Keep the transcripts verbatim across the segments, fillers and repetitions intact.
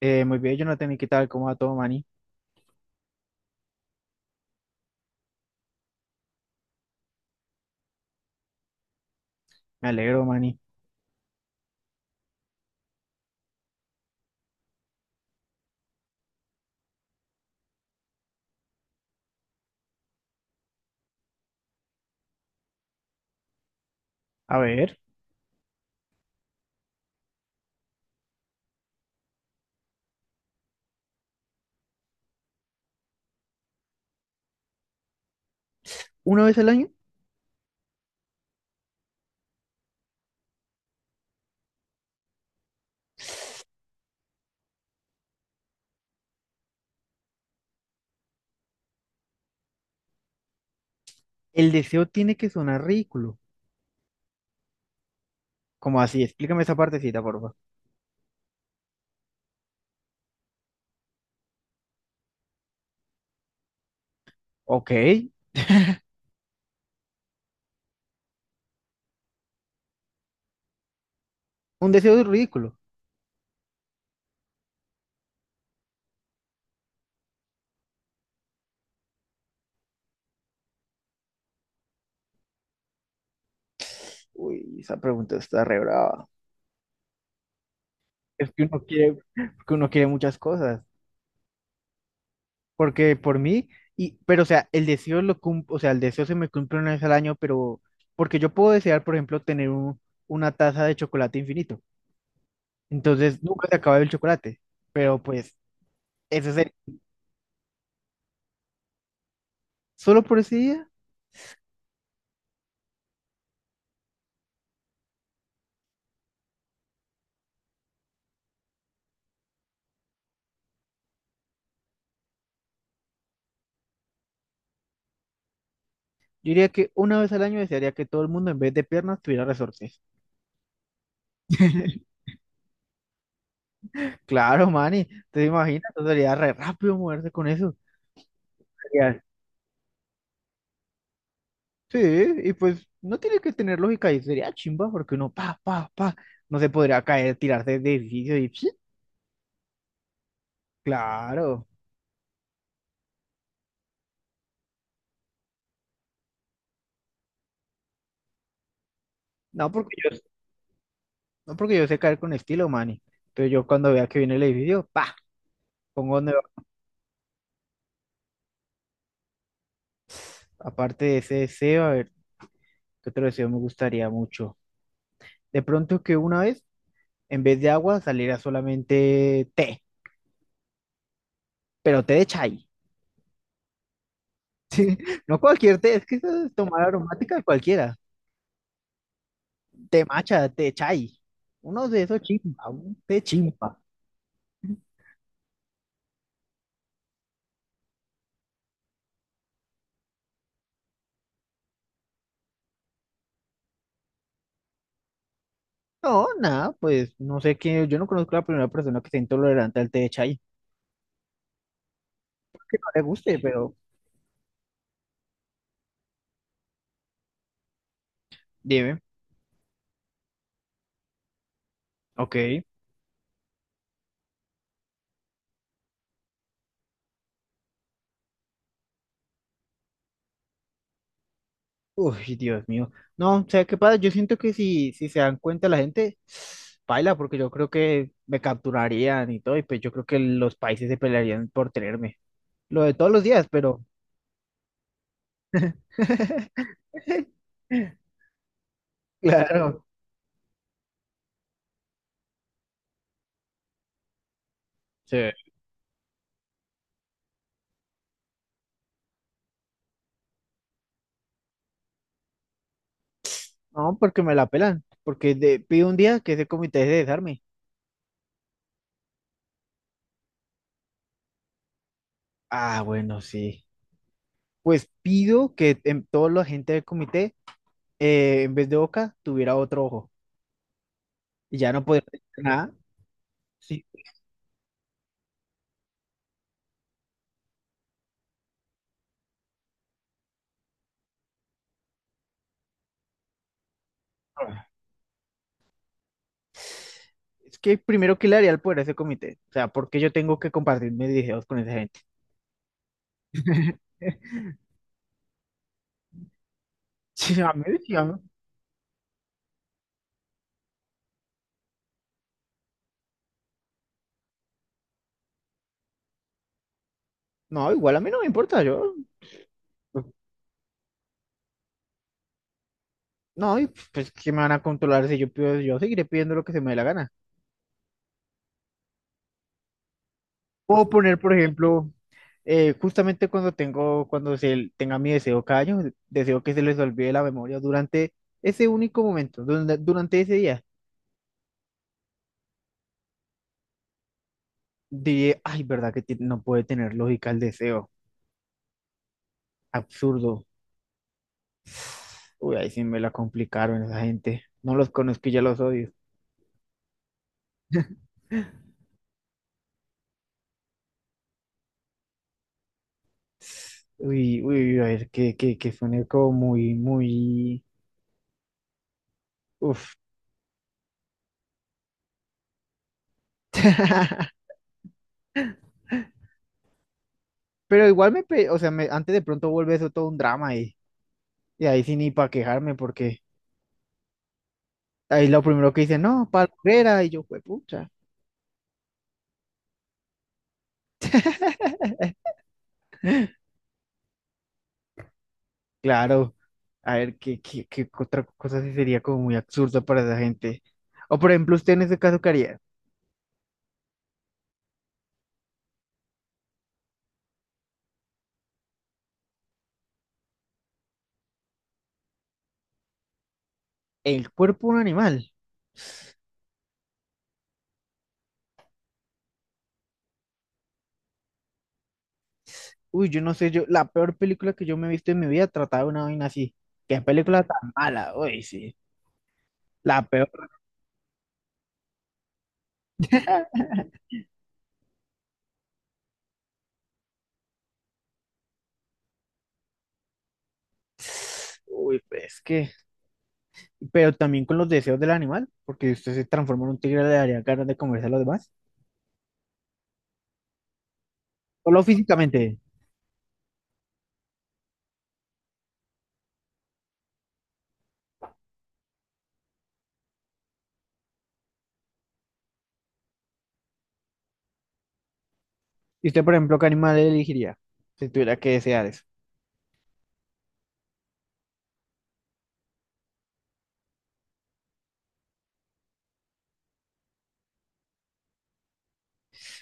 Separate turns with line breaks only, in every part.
Eh, muy bien, Jonathan, ¿y qué tal? ¿Cómo va todo, Manny? Me alegro, Manny. A ver, una vez al año, el deseo tiene que sonar ridículo. ¿Cómo así? Explícame esa partecita, porfa. Favor. Ok, un deseo ridículo. Uy, esa pregunta está re brava. Es que uno quiere, que uno quiere muchas cosas. Porque por mí, y, pero o sea, el deseo lo cum- o sea, el deseo se me cumple una vez al año, pero porque yo puedo desear, por ejemplo, tener un- una taza de chocolate infinito. Entonces nunca se acaba el chocolate. Pero pues, ese es el. Solo por ese día. Yo diría que una vez al año desearía que todo el mundo en vez de piernas tuviera resortes. Claro, mani, te imaginas, entonces sería re rápido moverse con eso. Sería- sí, y pues no tiene que tener lógica y sería chimba porque uno pa, pa, pa, no se podría caer, tirarse de edificio y ¡psi! Claro. No porque yo, no porque yo sé caer con estilo, mani. Entonces yo cuando vea que viene el edificio, pa, pongo donde va. Aparte de ese deseo, a ver, ¿qué otro deseo me gustaría mucho? De pronto que una vez, en vez de agua, saliera solamente té. Pero té de chai. No cualquier té, es que eso es tomar aromática cualquiera. Té matcha, té chai. Uno de esos chimpa, un té chimpa. No, nada, pues no sé qué, yo no conozco a la primera persona que sea intolerante al té de chai. No le guste, pero dime. Ok. Uy, Dios mío. No, o sea, ¿qué pasa? Yo siento que si, si se dan cuenta la gente, baila, porque yo creo que me capturarían y todo, y pues yo creo que los países se pelearían por tenerme. Lo de todos los días, pero... Claro. Sí. No, porque me la pelan. Porque de- pido un día que ese comité de desarme. Ah, bueno, sí. Pues pido que en, toda la gente del comité, eh, en vez de boca, tuviera otro ojo. Y ya no podría decir nada. Sí. Ah, es que primero, ¿que le haría el poder a ese comité? O sea, ¿porque yo tengo que compartir mis videos con esa gente? Sí, a mí, sí, a mí. No, igual a mí no me importa, yo. No, y pues que me van a controlar si yo pido, yo seguiré pidiendo lo que se me dé la gana. Puedo poner, por ejemplo, Eh, justamente cuando tengo, cuando se tenga mi deseo cada año, deseo que se les olvide la memoria durante ese único momento, durante, durante ese día. Dije, ay, ¿verdad que ti- no puede tener lógica el deseo? Absurdo. Uy, ahí sí me la complicaron esa gente. No los conozco y ya los odio. Uy, uy, a ver, que, que, que suene como muy, muy... Uf. Pero igual me, pe- o sea, me, antes de pronto vuelve eso todo un drama y, y ahí sí ni para quejarme porque ahí lo primero que dice, no, para Herrera y yo, fue Eh, claro, a ver, ¿qué, qué, qué otra cosa sí sería como muy absurda para esa gente? O por ejemplo, usted en ese caso, ¿qué haría? El cuerpo de un animal. Uy, yo no sé, yo, la peor película que yo me he visto en mi vida trataba de una vaina así. ¿Qué película tan mala? Uy, sí, la peor. Uy, pues es que, pero también con los deseos del animal, porque si usted se transforma en un tigre, le daría ganas de comerse a los demás. Solo físicamente. ¿Y usted, por ejemplo, qué animal elegiría? Si tuviera que desear eso.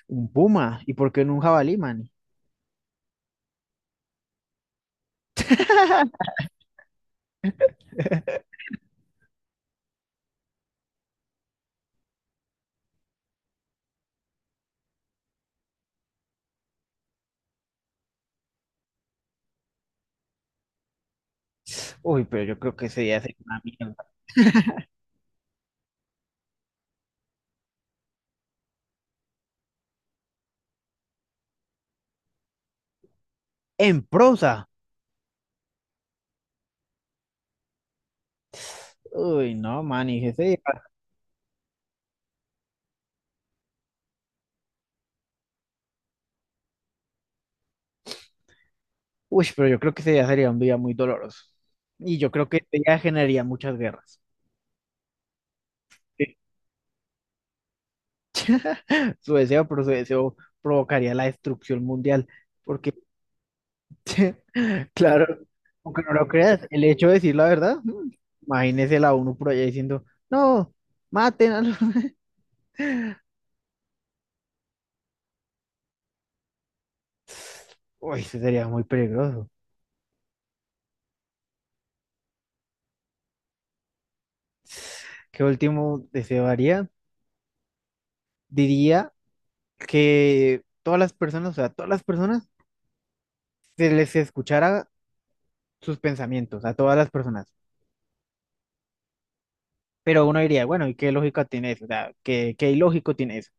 Un puma. ¿Y por qué no un jabalí, man? Uy, pero yo creo que ese día sería una mierda. En prosa. Uy, no, man, y ese día- Uy, pero yo creo que ese día sería un día muy doloroso. Y yo creo que ese día generaría muchas guerras. Su deseo, pero su deseo provocaría la destrucción mundial. Porque, claro, aunque no lo creas, el hecho de decir la verdad, mm, imagínese la ONU por allá diciendo, no, maten a los... Uy, eso sería muy peligroso. ¿Qué último deseo haría? Diría que todas las personas, o sea, todas las personas se les escuchara sus pensamientos a todas las personas. Pero uno diría, bueno, ¿y qué lógica tiene eso? O sea, ¿qué, qué ilógico tiene eso?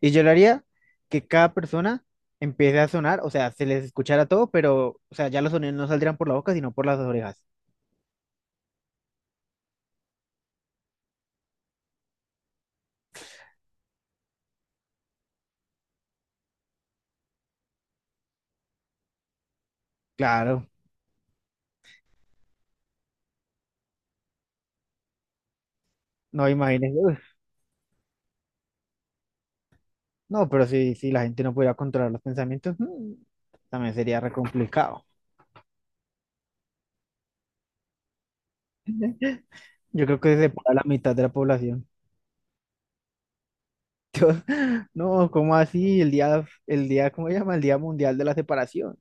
Y yo lo haría que cada persona empiece a sonar, o sea, se les escuchara todo, pero, o sea, ya los sonidos no saldrían por la boca, sino por las orejas. Claro, no imagínense. Uf. No, pero si, si la gente no pudiera controlar los pensamientos, mm, también sería re complicado. Yo creo que se separa la mitad de la población. No, ¿cómo así? El día, el día, ¿cómo se llama? El Día Mundial de la Separación.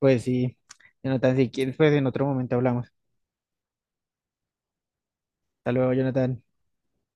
Pues sí, Jonathan, si quieres, pues en otro momento hablamos. Hasta luego, Jonathan.